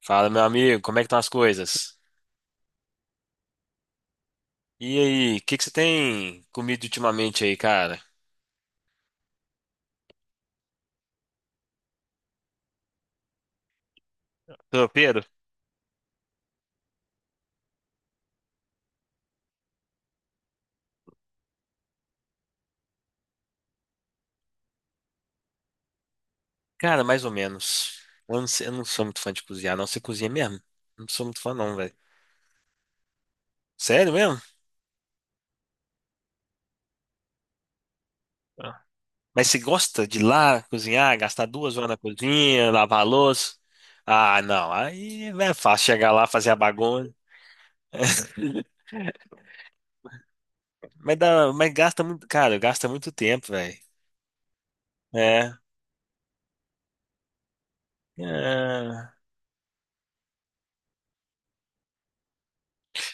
Fala, meu amigo, como é que estão as coisas? E aí, o que que você tem comido ultimamente aí, cara? Tropeiro? Cara, mais ou menos. Eu não sou muito fã de cozinhar, não. Você cozinha mesmo? Não sou muito fã, não, velho. Sério mesmo? Ah. Mas você gosta de ir lá cozinhar, gastar 2 horas na cozinha, lavar a louça? Ah, não. Aí é fácil chegar lá, fazer a bagunça. Mas gasta muito, cara, gasta muito tempo, velho. É. É.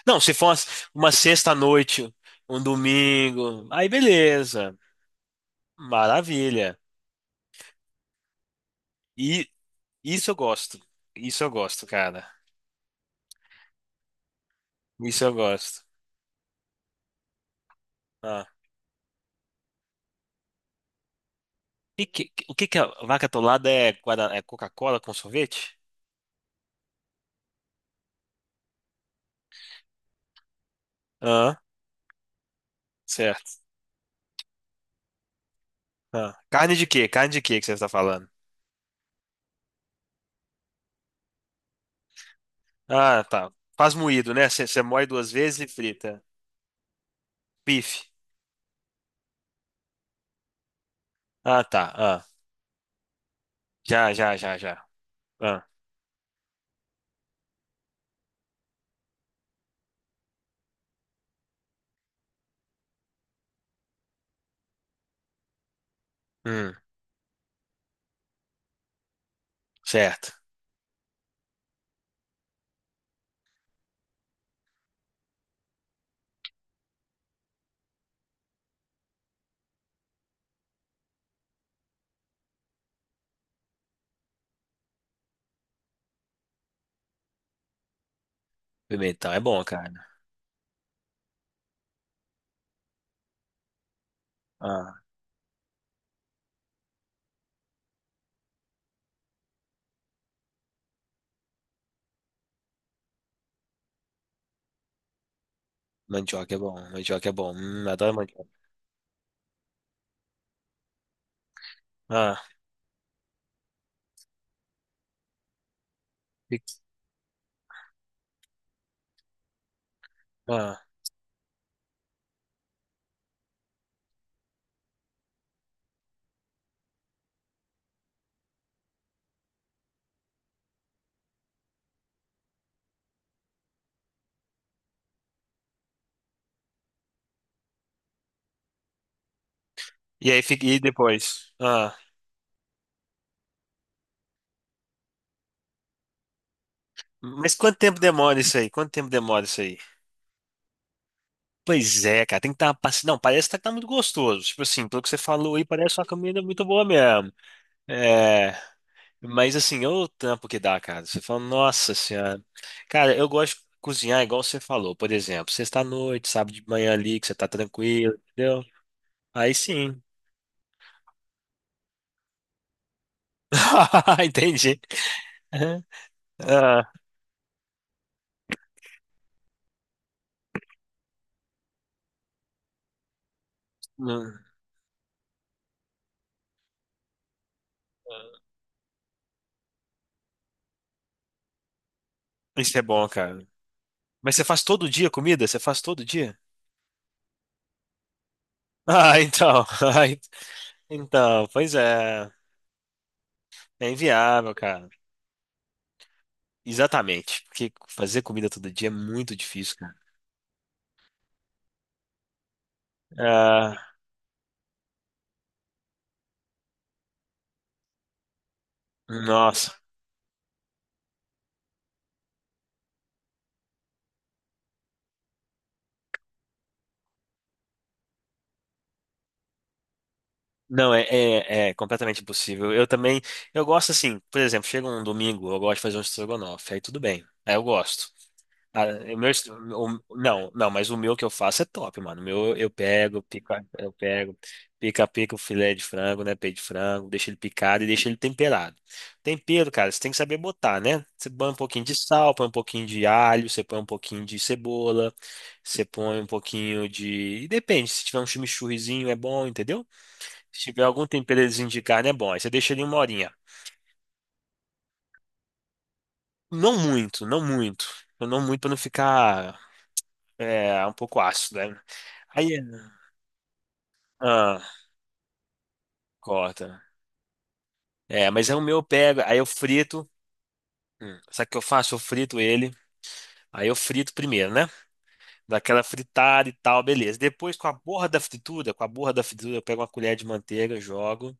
Não, se for Uma sexta-noite, um domingo, aí beleza. Maravilha. E isso eu gosto. Isso eu gosto, cara. Isso eu gosto. Ah. O que que a vaca atolada é, é Coca-Cola com sorvete? Ah, certo. Ah. Carne de quê? Carne de quê que você está falando? Ah, tá. Faz moído, né? Você moe duas vezes e frita. Bife. Ah, tá. Ah. Já, já, já, já. Ah. Hum, certo. Pimentão é bom, cara. Ah. Mandioca é bom, mandioca é bom. Adoro mandioca. Ah, e, ah. E aí, fica, e depois? Mas quanto tempo demora isso aí? Quanto tempo demora isso aí? Pois é, cara, tem que estar uma paci- Não, parece que tá muito gostoso. Tipo assim, pelo que você falou aí, parece uma comida muito boa mesmo. É, mas assim, olha o trampo que dá, cara. Você fala, nossa senhora. Cara, eu gosto de cozinhar igual você falou, por exemplo, sexta-noite, sábado de manhã ali, que você tá tranquilo, entendeu? Aí sim. Entendi. Ah, não. Isso é bom, cara. Mas você faz todo dia comida? Você faz todo dia? Ah, então. Ai, então, pois é. É inviável, cara. Exatamente. Porque fazer comida todo dia é muito difícil, cara. Ah, nossa. Não, é completamente impossível. Eu também. Eu gosto assim, por exemplo, chega um domingo, eu gosto de fazer um estrogonofe. Aí tudo bem. Aí eu gosto. Ah, o meu, est- o- não, não, mas o meu que eu faço é top, mano. O meu eu pego, pica, Pica o filé de frango, né? Peito de frango, deixa ele picado e deixa ele temperado. Tempero, cara, você tem que saber botar, né? Você põe um pouquinho de sal, põe um pouquinho de alho, você põe um pouquinho de cebola, você põe um pouquinho de. E Depende, se tiver um chimichurrizinho é bom, entendeu? Se tiver algum temperozinho de carne é bom. Aí você deixa ele uma horinha. Não muito, não muito. Não muito pra não ficar. É, um pouco ácido, né? Aí, ah, corta. É, mas aí o meu eu pego. Aí eu frito. Sabe o que eu faço? Eu frito ele. Aí eu frito primeiro, né? Daquela fritada e tal, beleza. Depois, com a borra da fritura, eu pego uma colher de manteiga, jogo.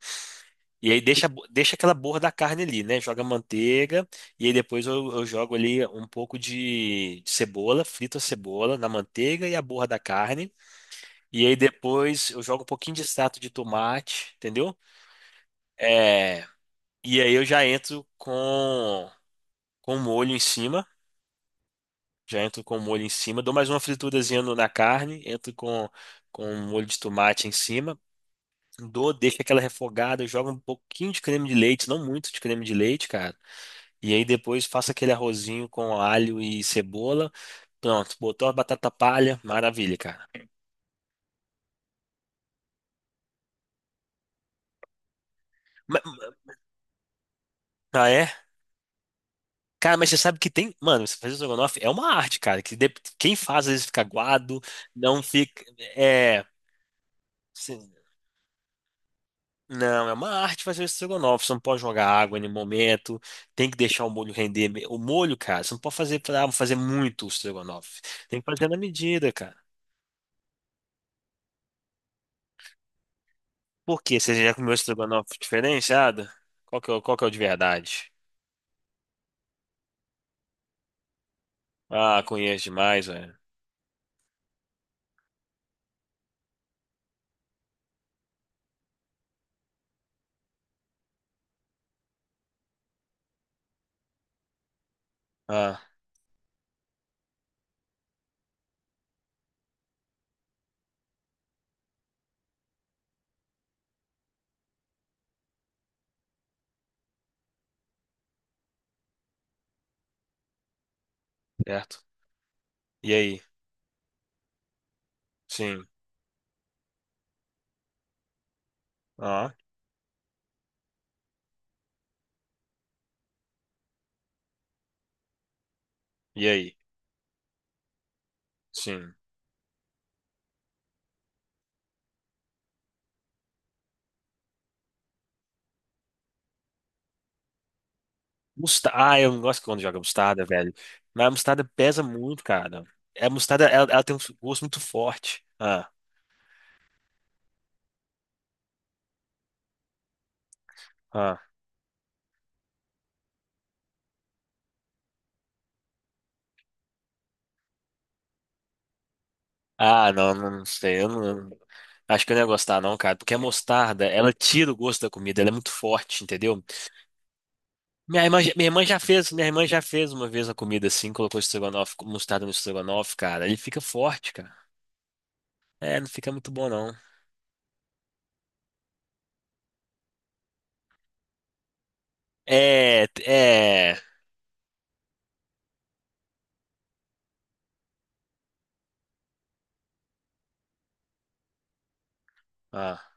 E aí deixa aquela borra da carne ali, né? Joga a manteiga. E aí depois eu jogo ali um pouco de cebola, frito a cebola na manteiga e a borra da carne. E aí depois eu jogo um pouquinho de extrato de tomate, entendeu? É, e aí eu já entro com molho em cima, já entro com molho em cima, dou mais uma friturazinha na carne, entro com molho de tomate em cima, deixo aquela refogada, jogo um pouquinho de creme de leite, não muito de creme de leite, cara. E aí depois faço aquele arrozinho com alho e cebola. Pronto, botou a batata palha, maravilha, cara. Ma- ma- Ah, é? Cara, mas você sabe que tem. Mano, você fazer estrogonofe é uma arte, cara. Quem faz às vezes fica aguado, não fica. É. Sim. Não, é uma arte fazer o estrogonofe. Você não pode jogar água em nenhum momento. Tem que deixar o molho render. O molho, cara, você não pode fazer pra fazer muito o estrogonofe. Tem que fazer na medida, cara. Por quê? Você já comeu estrogonofe diferenciado? Qual que é o de verdade? Ah, conheço demais, velho. Ah, certo. E aí? Sim. Ah, e aí? Sim. Eu não gosto quando joga mostarda, velho. Mas a mostarda pesa muito, cara. É, a mostarda, ela tem um gosto muito forte. Ah. ah. Ah, não, não sei. Eu não, Acho que eu não ia gostar, não, cara. Porque a mostarda, ela tira o gosto da comida, ela é muito forte, entendeu? Minha irmã já fez uma vez a comida assim, colocou estrogonofe, mostarda no estrogonofe, cara. Ele fica forte, cara. É, não fica muito bom, não. É, é. Ah.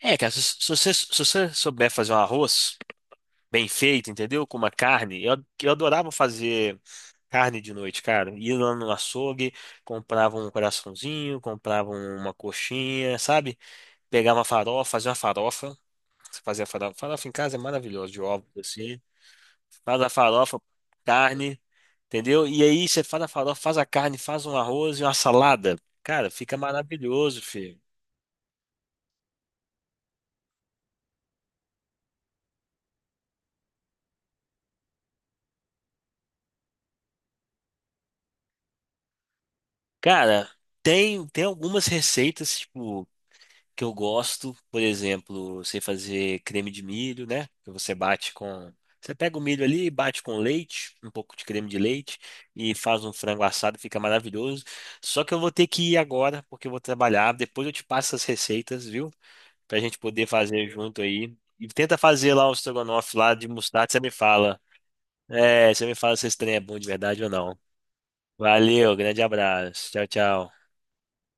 É, cara, se você souber fazer um arroz bem feito, entendeu? Com uma carne, Eu adorava fazer. Carne de noite, cara. Ia lá no açougue, comprava um coraçãozinho, comprava uma coxinha, sabe? Pegava uma farofa, fazia uma farofa. Você fazia farofa. Farofa em casa é maravilhosa, de ovos, assim. Faz a farofa, carne, entendeu? E aí você faz a farofa, faz a carne, faz um arroz e uma salada. Cara, fica maravilhoso, filho. Cara, tem, tem algumas receitas, que eu gosto, por exemplo, eu sei fazer creme de milho, né? Que você bate com. Você pega o milho ali, bate com leite, um pouco de creme de leite, e faz um frango assado, fica maravilhoso. Só que eu vou ter que ir agora, porque eu vou trabalhar. Depois eu te passo as receitas, viu? Pra gente poder fazer junto aí. E tenta fazer lá o estrogonofe lá de mostarda, você me fala. É, você me fala se esse trem é bom de verdade ou não. Valeu, grande abraço. Tchau, tchau.